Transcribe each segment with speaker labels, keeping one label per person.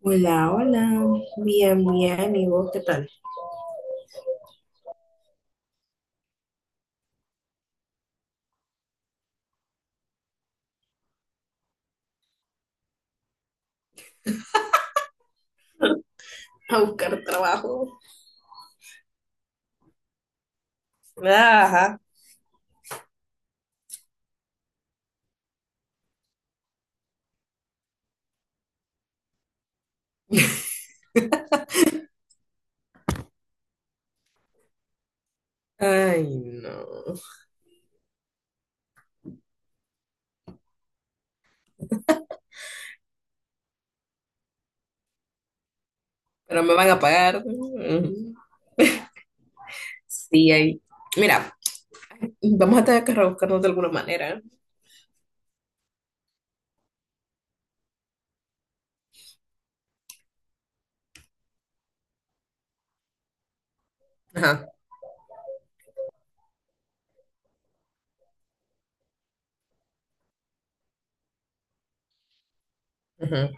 Speaker 1: Hola, hola, bien, bien, ¿y vos qué tal? A buscar trabajo. Ajá. Ay, no. Pero me van a pagar. Mm. Sí, ahí. Mira, vamos a tener que rebuscarnos de alguna manera. Ajá. Ajá.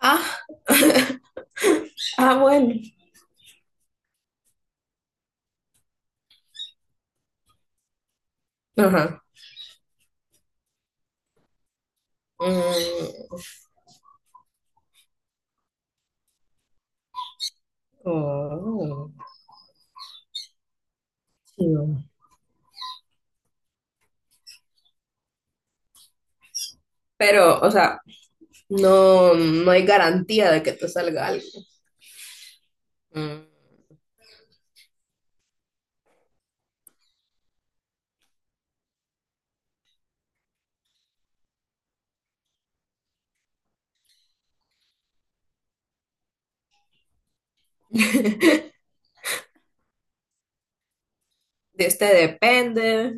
Speaker 1: Ah, ah, bueno. Ajá. Mm, oh, chido. Pero, o sea, no, no hay garantía de que te salga algo. Mm. De este depende.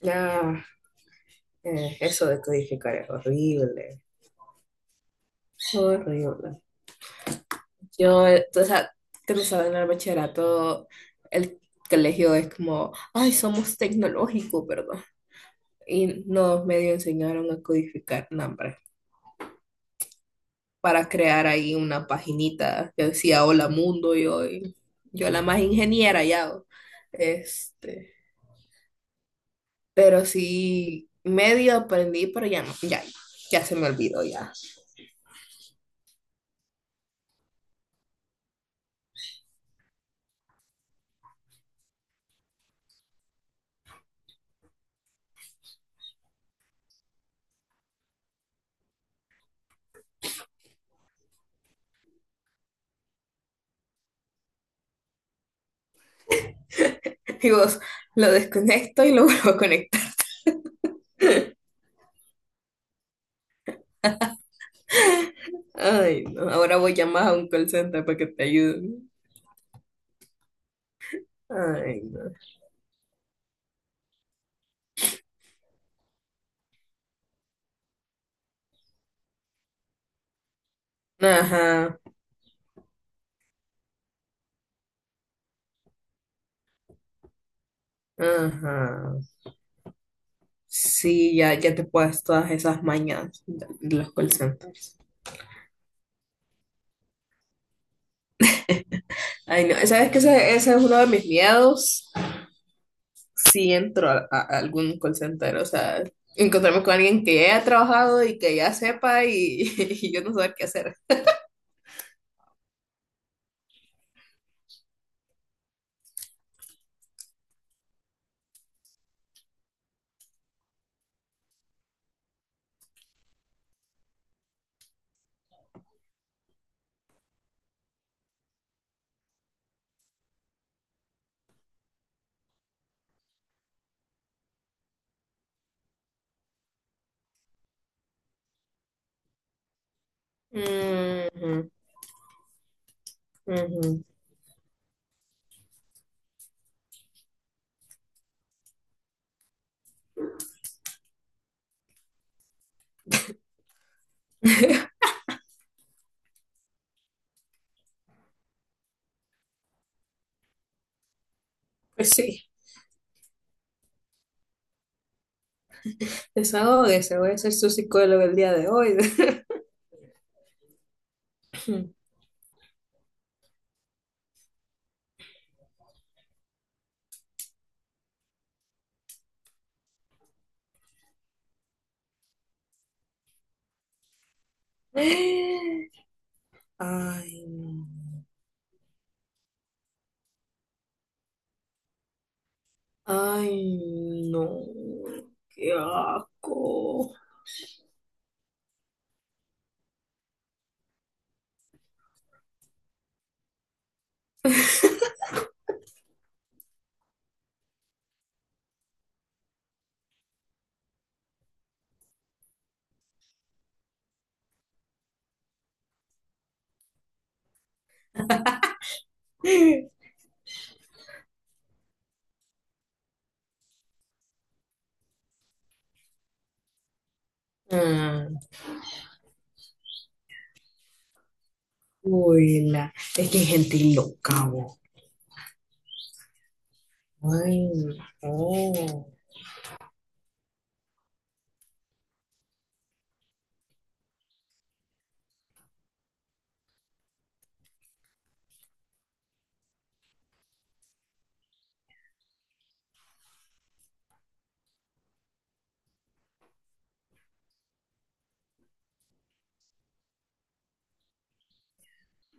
Speaker 1: Ya, eso de codificar es horrible, horrible. Yo, o sea, que no saben, en el bachillerato, el colegio es como, ay, somos tecnológicos, ¿verdad? Y nos medio enseñaron a codificar nombres para crear ahí una paginita que decía Hola Mundo, y hoy yo la más ingeniera ya. O. Este, pero sí, medio aprendí, pero ya no, ya, ya se me olvidó ya. Y vos lo desconecto y lo vuelvo a conectar. Ay, no. Ahora voy a llamar a un call center para que te ayuden. Ay, no. Ajá, ajá. Sí, ya, ya te puedes todas esas mañas de los call centers. Ay, no. ¿Sabes que Ese es uno de mis miedos. Si entro a algún call center, o sea, encontrarme con alguien que ya haya trabajado y que ya sepa y, y yo no saber qué hacer. Mm, ujú, ujú. Pues sí. Desahógese, voy a ser su psicólogo el día de hoy. Ay, no. Ay, no. Qué asco. Ah, uy, la. Es que hay gente loca, vos. Ay, no.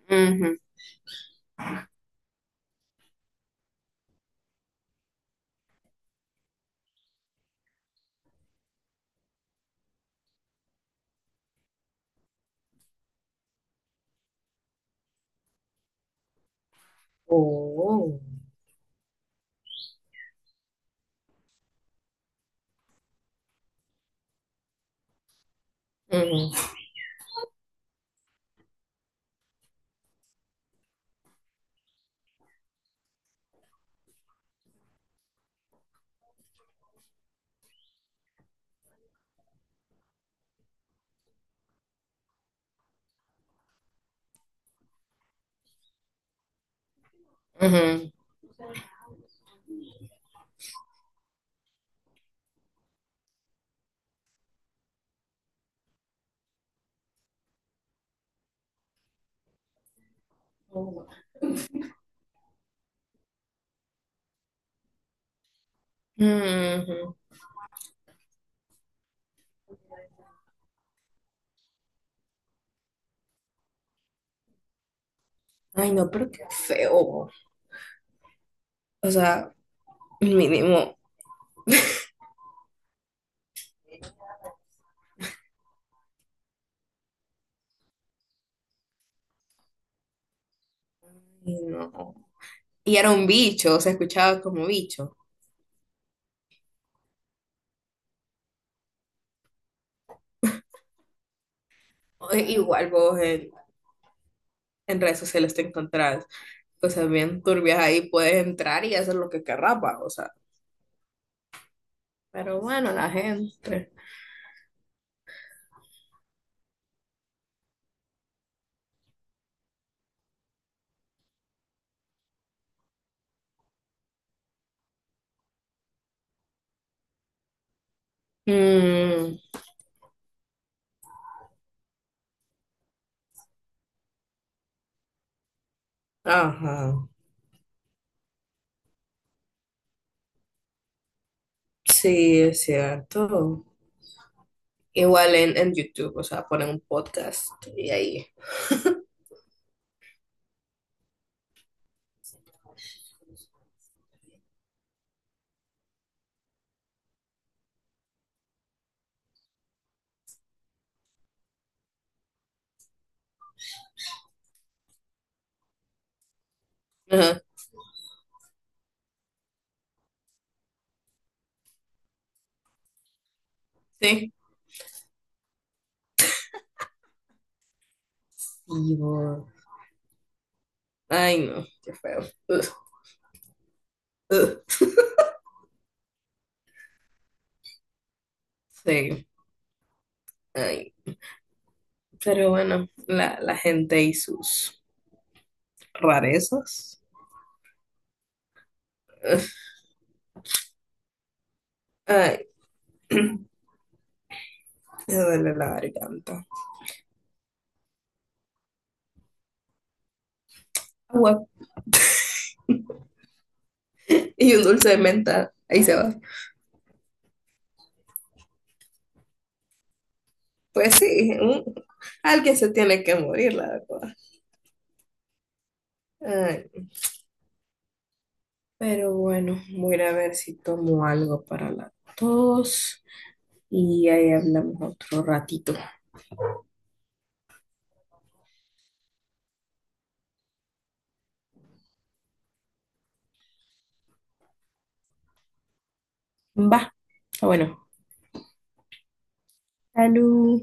Speaker 1: Ujú, oh. Ujú, ujú. Oh. Ujú. Ay, no, pero qué feo. O sea, mínimo. Ay, no. Y era un bicho, se escuchaba como bicho. Igual vos en, redes sociales te encontrás cosas bien turbias ahí, puedes entrar y hacer lo que querrás, va, o sea. Pero bueno, la gente. Mm, ajá. Sí, es cierto. Igual en YouTube, o sea, ponen un podcast y ahí. Ajá, sí. Y vos. Ay, no, qué feo. Ugh, ugh. Sí, ay. Pero bueno, la gente y sus rarezas. Ay, me duele la garganta. Agua y un dulce de menta. Ahí se va. Pues sí, alguien se tiene que morir, la verdad. Ay, pero bueno, voy a ir a ver si tomo algo para la tos y ahí hablamos otro ratito. Va. Ah, bueno, salud.